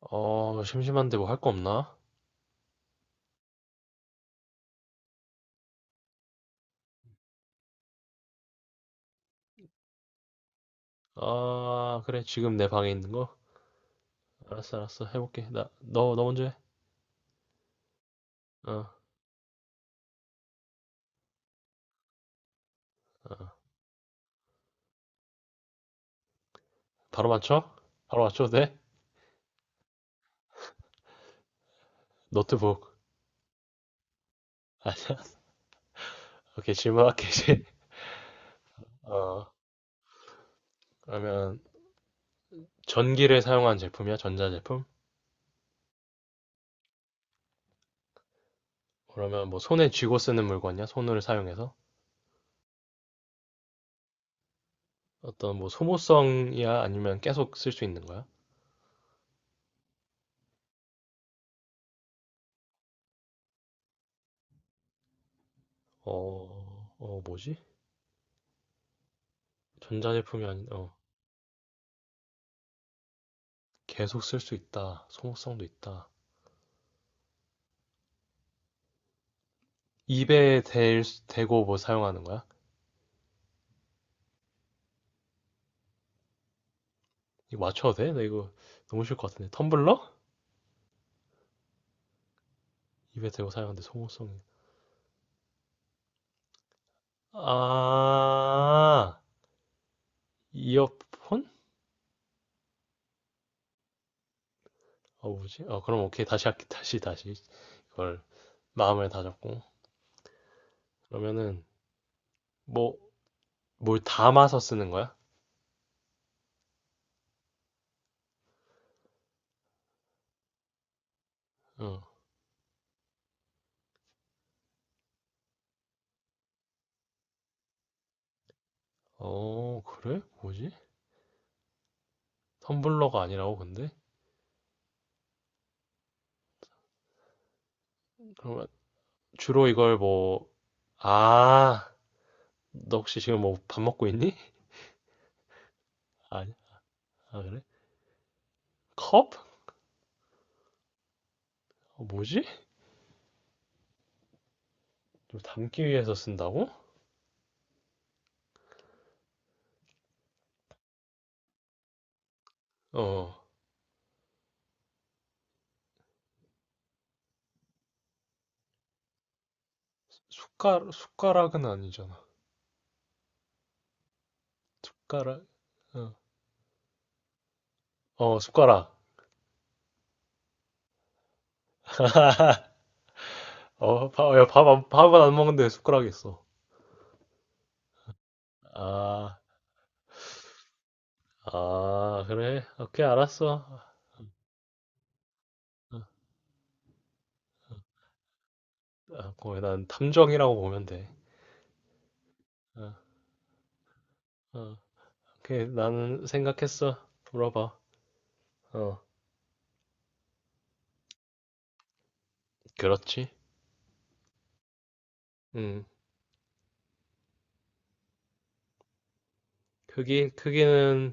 심심한데 뭐 할 거 없나? 아, 그래. 지금 내 방에 있는 거? 알았어, 알았어. 해볼게. 나, 너 먼저 해. 어, 어. 바로 맞춰? 바로 맞춰도 돼? 노트북. 아, 오케이. 질문할게, 이제. 어, 그러면 전기를 사용한 제품이야? 전자제품? 그러면 뭐 손에 쥐고 쓰는 물건이야? 손을 사용해서? 어떤 뭐 소모성이야? 아니면 계속 쓸 수 있는 거야? 뭐지? 전자제품이 아닌, 계속 쓸 수 있다. 소모성도 있다. 입에 대고 뭐 사용하는 거야? 이거 맞춰도 돼? 나 이거 너무 쉬울 것 같은데. 텀블러? 입에 대고 사용하는데 소모성이. 아, 이어폰? 뭐지? 그럼 오케이. 다시 할게. 다시. 이걸 마음을 다잡고. 그러면은, 뭐, 뭘 담아서 쓰는 거야? 응. 어, 그래? 뭐지? 텀블러가 아니라고, 근데? 그러면 주로 이걸 뭐, 아, 너 혹시 지금 뭐 밥 먹고 있니? 아니, 아, 그래? 컵? 뭐지? 좀 담기 위해서 쓴다고? 어, 숟가락, 숟가락은 아니잖아. 숟가락, 어, 숟가락. 어, 밥, 야, 밥, 안- 밥은 안 먹는데 숟가락이 있어? 아, 아, 그래? 오케이, 알았어. 어, 거의 난 탐정이라고 보면 돼. 어, 어, 오케이, 나는 생각했어. 물어봐. 어, 그렇지. 음, 크기는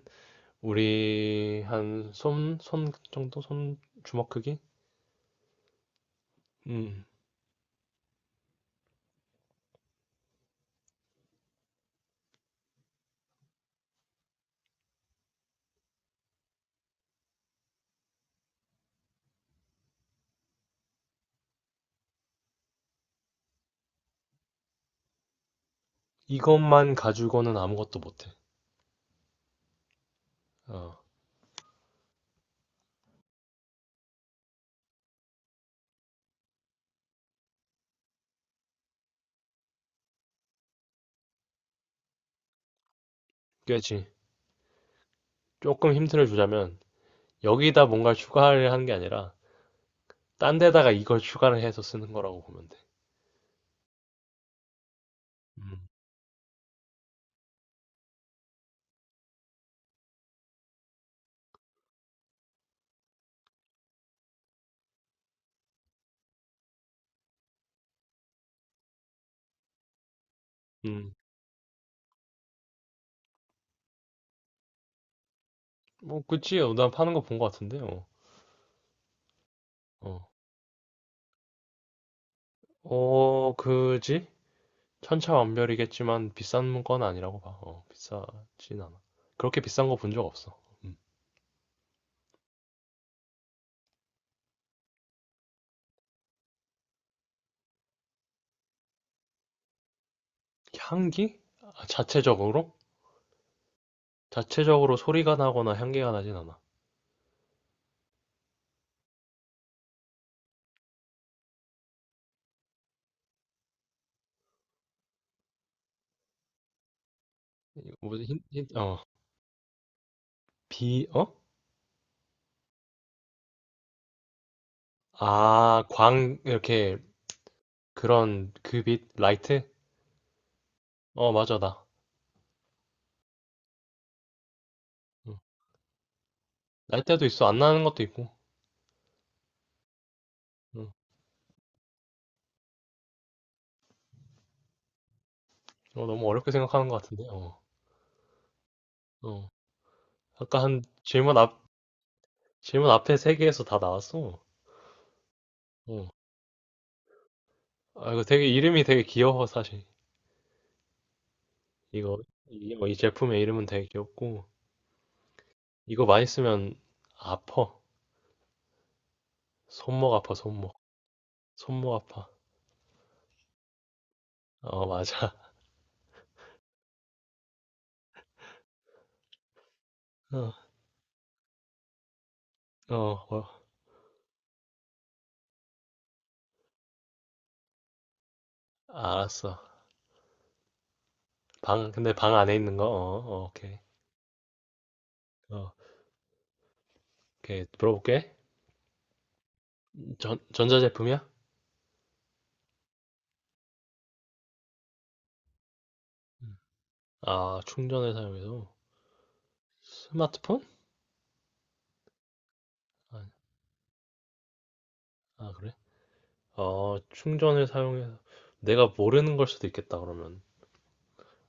우리 한 손 정도? 손 주먹 크기? 음. 이것만 가지고는 아무것도 못해. 어, 그렇지. 조금 힌트를 주자면 여기다 뭔가 추가를 하는 게 아니라 딴 데다가 이걸 추가를 해서 쓰는 거라고 보면 돼. 음, 음. 뭐 그치. 어, 난 파는 거 본 거 같은데. 어, 어, 어, 그지? 천차만별이겠지만 비싼 건 아니라고 봐. 어, 비싸진 않아. 그렇게 비싼 거 본 적 없어. 음. 향기? 아, 자체적으로? 자체적으로 소리가 나거나 향기가 나진 않아. 이거 뭐지? 비, 어? 아, 광, 이렇게, 그런, 그 빛, 라이트? 어, 맞아, 나. 응. 라이트도 있어, 안 나는 것도 있고. 응. 어, 너무 어렵게 생각하는 것 같은데, 어. 어. 아까 한 질문 앞에 세 개에서 다 나왔어. 어. 아, 이거 되게, 이름이 되게 귀여워, 사실. 이거, 이, 이 제품의 이름은 되게 귀엽고, 이거 많이 쓰면, 아파. 손목 아파, 손목. 손목 아파. 어, 맞아. 어, 어, 어. 알았어. 근데 방 안에 있는 거? 어, 어, 오케이. 어. 오케이, 물어볼게. 전자제품이야? 음. 아, 충전을 사용해서. 스마트폰? 아, 아, 그래? 어, 충전을 사용해서. 내가 모르는 걸 수도 있겠다, 그러면.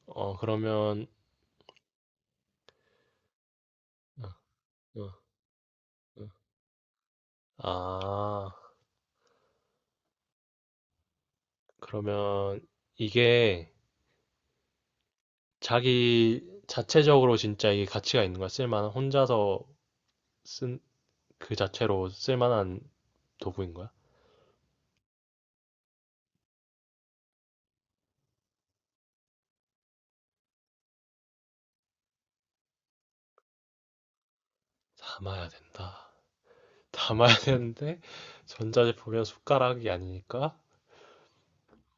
그러면, 어, 어, 어. 아, 그러면 이게 자기 자체적으로 진짜 이게 가치가 있는 거야? 쓸만한, 혼자서 쓴 그 자체로 쓸만한 도구인 거야? 담아야 된다. 담아야 되는데, 전자제품이랑 숟가락이 아니니까?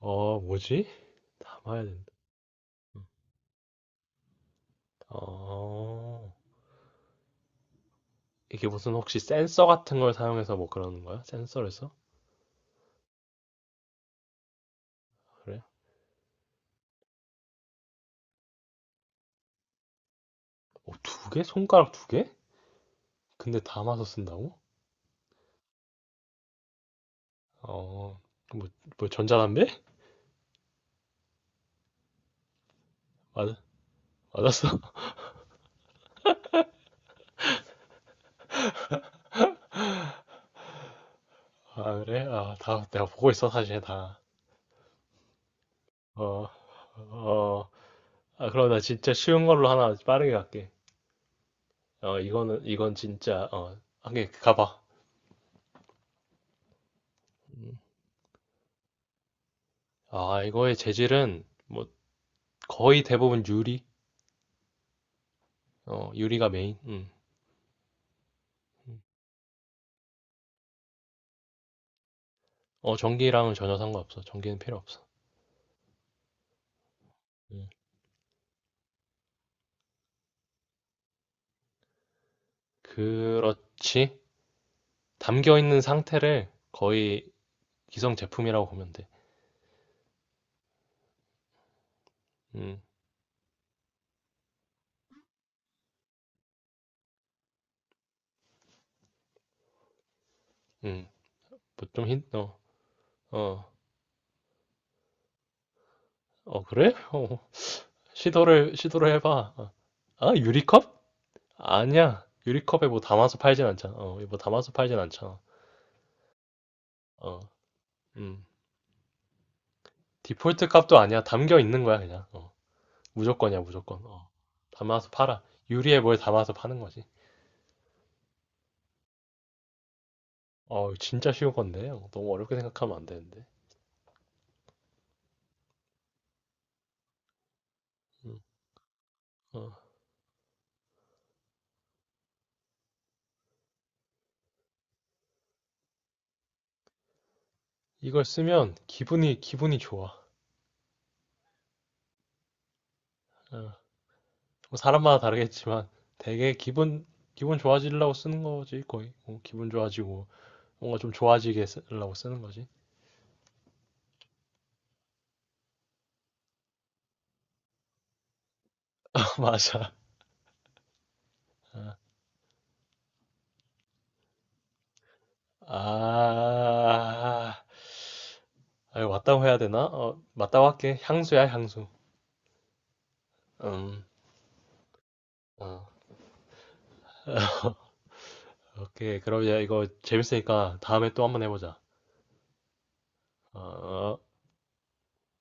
뭐지? 담아야 된다. 어, 이게 무슨 혹시 센서 같은 걸 사용해서 뭐 그러는 거야? 센서를 써? 그래? 어, 두 개? 손가락 두 개? 근데 담아서 쓴다고? 어, 뭐, 뭐 전자담배? 맞, 맞았어? 아, 그래? 아, 다 내가 보고 있어, 사실 다. 어, 어, 아, 그럼 나 진짜 쉬운 걸로 하나 빠르게 갈게. 이건 진짜, 어, 한개 가봐. 아, 이거의 재질은 뭐 거의 대부분 유리? 어, 유리가 메인. 음. 음. 어, 전기랑은 전혀 상관없어. 전기는 필요 없어. 음. 그렇지. 담겨 있는 상태를 거의 기성 제품이라고 보면 돼. 음, 음. 뭐좀 어, 어, 그래? 어, 시도를 해봐. 어. 아, 유리컵? 아니야. 유리컵에 뭐 담아서 팔진 않잖아. 어, 뭐 담아서 팔진 않잖아. 어, 음. 디폴트 값도 아니야. 담겨 있는 거야, 그냥. 어. 무조건이야, 무조건. 어. 담아서 팔아. 유리에 뭘 담아서 파는 거지. 어, 진짜 쉬운 건데. 어, 너무 어렵게 생각하면 안 되는데. 음, 어. 이걸 쓰면 기분이 좋아. 어, 뭐 사람마다 다르겠지만 되게 기분 좋아지려고 쓰는 거지 거의. 뭐 기분 좋아지고 뭔가 좀 좋아지게 쓰려고 쓰는 거지. 맞아. 아, 아, 이거 맞다고 해야 되나? 어, 맞다고 할게. 향수야 향수. 음, 어. 오케이. 그럼 이제 이거 재밌으니까 다음에 또 한번 해보자. 어. 어.